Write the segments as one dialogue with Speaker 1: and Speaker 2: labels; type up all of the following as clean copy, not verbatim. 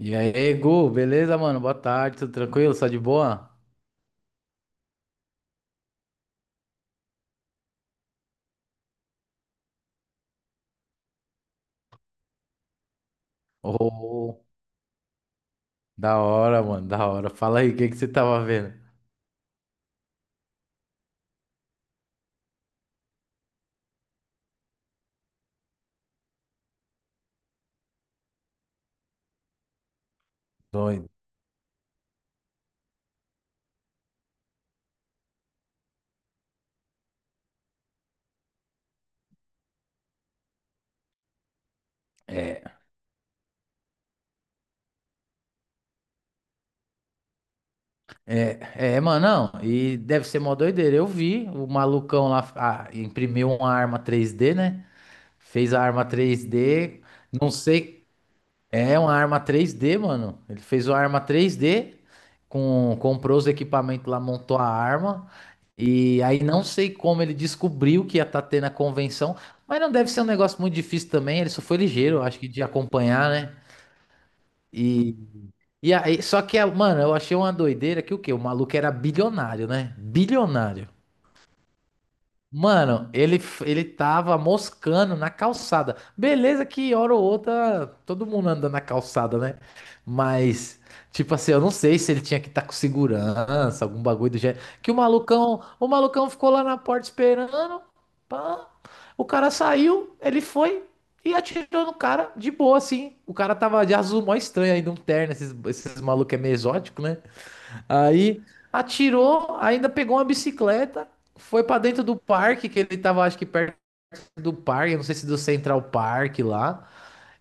Speaker 1: E aí, Gu, beleza, mano? Boa tarde, tudo tranquilo? Só de boa? Oh, da hora, mano, da hora. Fala aí, o que que você tava vendo? Doido. É, é, mano, não, e deve ser mó doideira. Eu vi o malucão lá, imprimiu uma arma 3D, né? Fez a arma 3D, não sei. É uma arma 3D, mano. Ele fez uma arma 3D, comprou os equipamentos lá, montou a arma. E aí não sei como ele descobriu que ia estar tendo a convenção, mas não deve ser um negócio muito difícil também. Ele só foi ligeiro, acho que de acompanhar, né? E, e aí, só que, mano, eu achei uma doideira que o quê? O maluco era bilionário, né? Bilionário. Mano, ele tava moscando na calçada. Beleza que hora ou outra todo mundo anda na calçada, né? Mas, tipo assim, eu não sei se ele tinha que estar com segurança, algum bagulho do gênero. Que o malucão ficou lá na porta esperando. Pá. O cara saiu, ele foi e atirou no cara de boa, assim. O cara tava de azul mó estranho ainda, um terno. Esses malucos é meio exótico, né? Aí atirou, ainda pegou uma bicicleta, foi pra dentro do parque, que ele tava acho que perto do parque, não sei se do Central Park lá,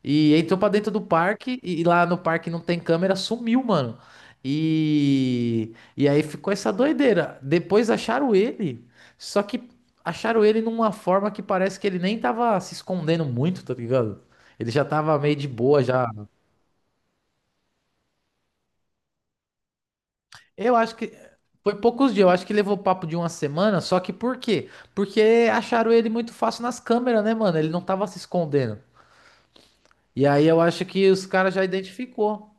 Speaker 1: e entrou pra dentro do parque e lá no parque não tem câmera, sumiu, mano. E aí ficou essa doideira. Depois acharam ele, só que acharam ele numa forma que parece que ele nem tava se escondendo muito, tá ligado? Ele já tava meio de boa já. Eu acho que foi poucos dias, eu acho que levou papo de uma semana, só que por quê? Porque acharam ele muito fácil nas câmeras, né, mano? Ele não tava se escondendo. E aí eu acho que os caras já identificou.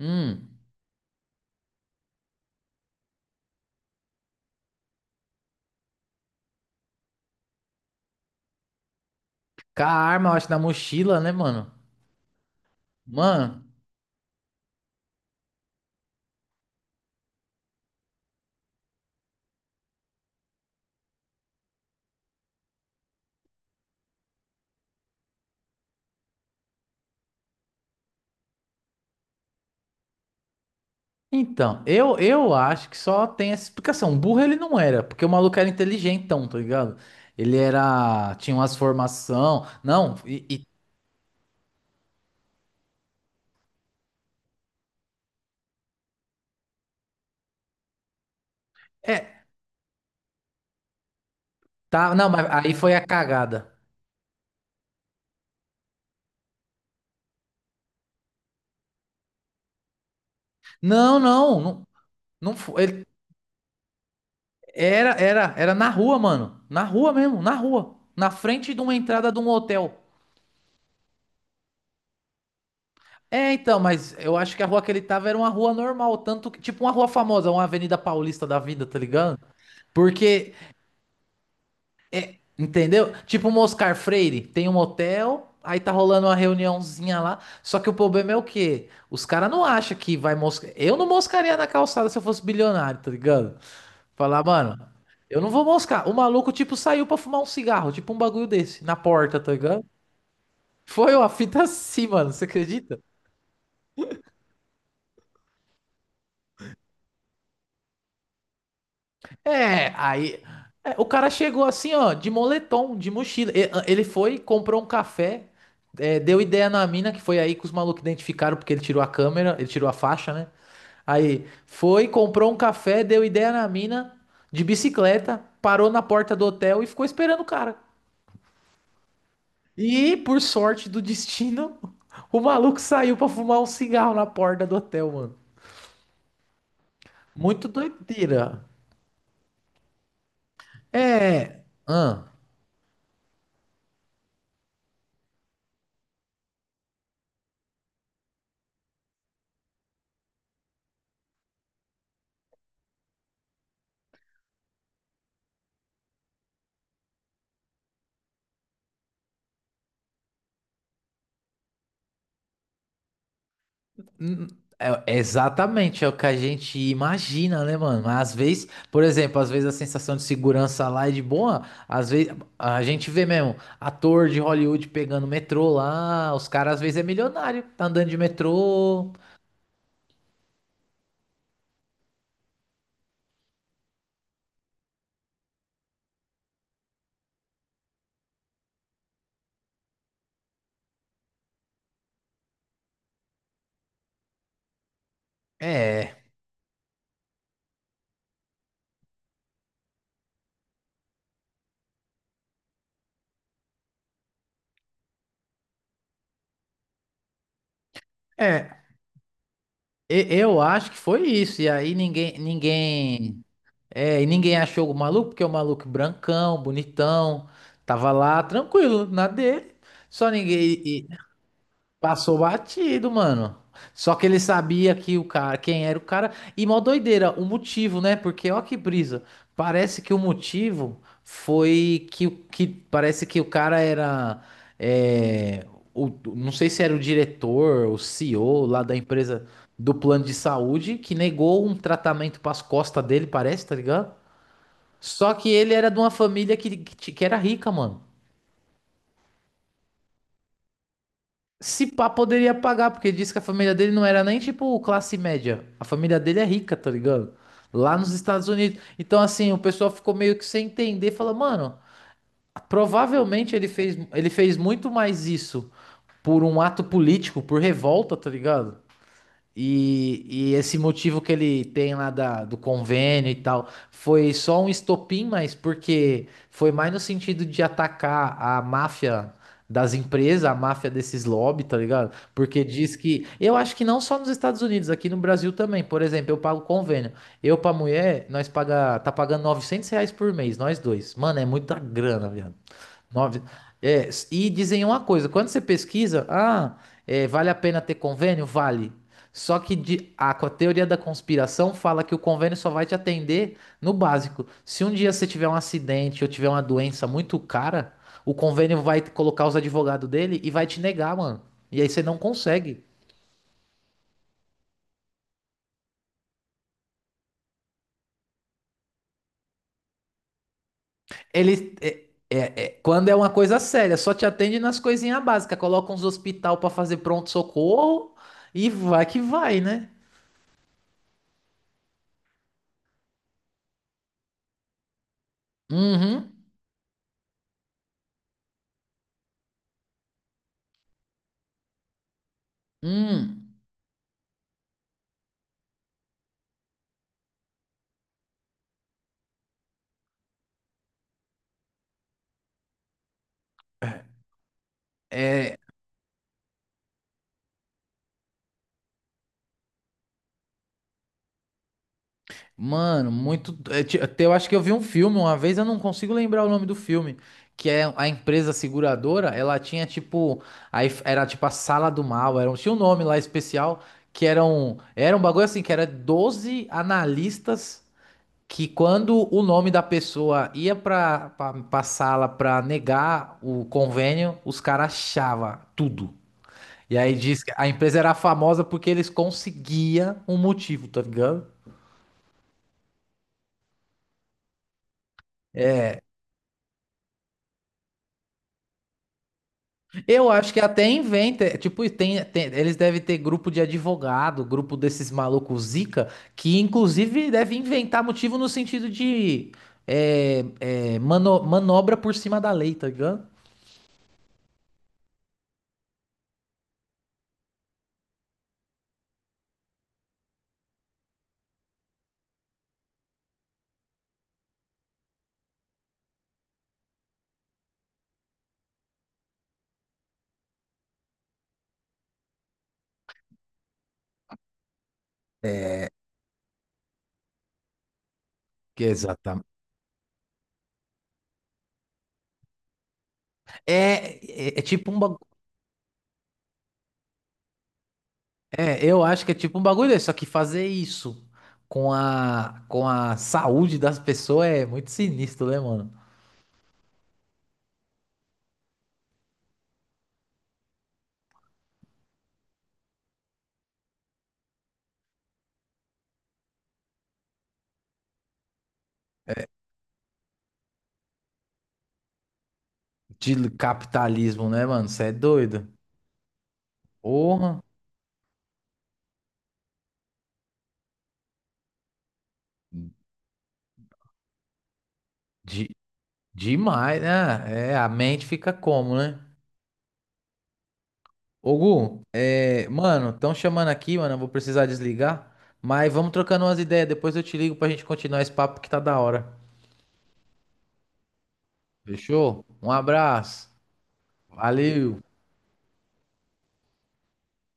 Speaker 1: Hum. Com a arma, eu acho, na mochila, né, mano? Mano, então, eu acho que só tem essa explicação. Um burro ele não era, porque o maluco era inteligentão, tá ligado? Ele era, tinha umas formação, não, e- é, tá, não, mas aí foi a cagada. Não, não, não, não foi. Era na rua, mano. Na rua mesmo, na rua. Na frente de uma entrada de um hotel. É, então, mas eu acho que a rua que ele tava era uma rua normal, tanto que, tipo uma rua famosa, uma Avenida Paulista da vida, tá ligado? Porque, entendeu? Tipo um Oscar Freire, tem um hotel, aí tá rolando uma reuniãozinha lá. Só que o problema é o quê? Os caras não acham que vai moscar. Eu não moscaria na calçada se eu fosse bilionário, tá ligado? Falar, mano, eu não vou moscar. O maluco, tipo, saiu pra fumar um cigarro, tipo um bagulho desse, na porta, tá ligado? Foi uma fita assim, mano, você acredita? É, aí, é, o cara chegou assim, ó, de moletom, de mochila. Ele foi, comprou um café, é, deu ideia na mina, que foi aí que os malucos identificaram, porque ele tirou a câmera, ele tirou a faixa, né? Aí foi, comprou um café, deu ideia na mina, de bicicleta, parou na porta do hotel e ficou esperando o cara. E, por sorte do destino, o maluco saiu pra fumar um cigarro na porta do hotel, mano. Muito doideira. É. Ah, hum, é exatamente, é o que a gente imagina, né, mano? Mas às vezes, por exemplo, às vezes a sensação de segurança lá é de boa. Às vezes a gente vê mesmo ator de Hollywood pegando metrô lá. Os caras às vezes é milionário, tá andando de metrô. É. É. Eu acho que foi isso. E aí ninguém. É, e ninguém achou o maluco, porque o maluco brancão, bonitão, tava lá tranquilo, na dele. Só ninguém passou batido, mano. Só que ele sabia que o cara, quem era o cara. E mó doideira, o motivo, né? Porque ó que brisa. Parece que o motivo foi que, que parece que o cara era é, o, não sei se era o diretor, o CEO lá da empresa do plano de saúde que negou um tratamento para as costas dele, parece, tá ligado? Só que ele era de uma família que que era rica, mano. Se pá, poderia pagar, porque ele disse que a família dele não era nem tipo classe média. A família dele é rica, tá ligado? Lá nos Estados Unidos. Então, assim, o pessoal ficou meio que sem entender. Fala, mano, provavelmente ele fez muito mais isso por um ato político, por revolta, tá ligado? E esse motivo que ele tem lá do convênio e tal foi só um estopim, mas porque foi mais no sentido de atacar a máfia das empresas, a máfia desses lobby, tá ligado? Porque diz que, eu acho que não só nos Estados Unidos, aqui no Brasil também. Por exemplo, eu pago convênio. Eu pra mulher, nós paga, tá pagando R$ 900 por mês, nós dois. Mano, é muita grana, viado. Nove... É, e dizem uma coisa, quando você pesquisa, ah, é, vale a pena ter convênio? Vale. Só que a teoria da conspiração fala que o convênio só vai te atender no básico. Se um dia você tiver um acidente ou tiver uma doença muito cara, o convênio vai colocar os advogados dele e vai te negar, mano. E aí você não consegue. Ele é- é- quando é uma coisa séria, só te atende nas coisinhas básicas. Coloca uns hospital pra fazer pronto-socorro e vai que vai, né? Uhum. Hum. É, mano, muito. Até eu acho que eu vi um filme uma vez, eu não consigo lembrar o nome do filme. Que é a empresa seguradora, ela tinha tipo. Era tipo a sala do mal, era, tinha um nome lá especial, que eram. Era um bagulho assim, que era 12 analistas que quando o nome da pessoa ia pra sala pra negar o convênio, os caras achavam tudo. E aí diz que a empresa era famosa porque eles conseguiam um motivo, tá ligado? Eu acho que até inventa, é, tipo, eles devem ter grupo de advogado, grupo desses malucos zica, que inclusive deve inventar motivo no sentido de é, mano, manobra por cima da lei, tá ligado? Que exatamente. É, é tipo um bagulho. É, eu acho que é tipo um bagulho desse, só que fazer isso com a saúde das pessoas é muito sinistro, né, mano? De capitalismo, né, mano? Você é doido. Porra. Demais, né? É, a mente fica como, né? Ô, Gu, é, mano, estão chamando aqui, mano. Eu vou precisar desligar. Mas vamos trocando umas ideias. Depois eu te ligo pra gente continuar esse papo que tá da hora. Fechou? Um abraço. Valeu.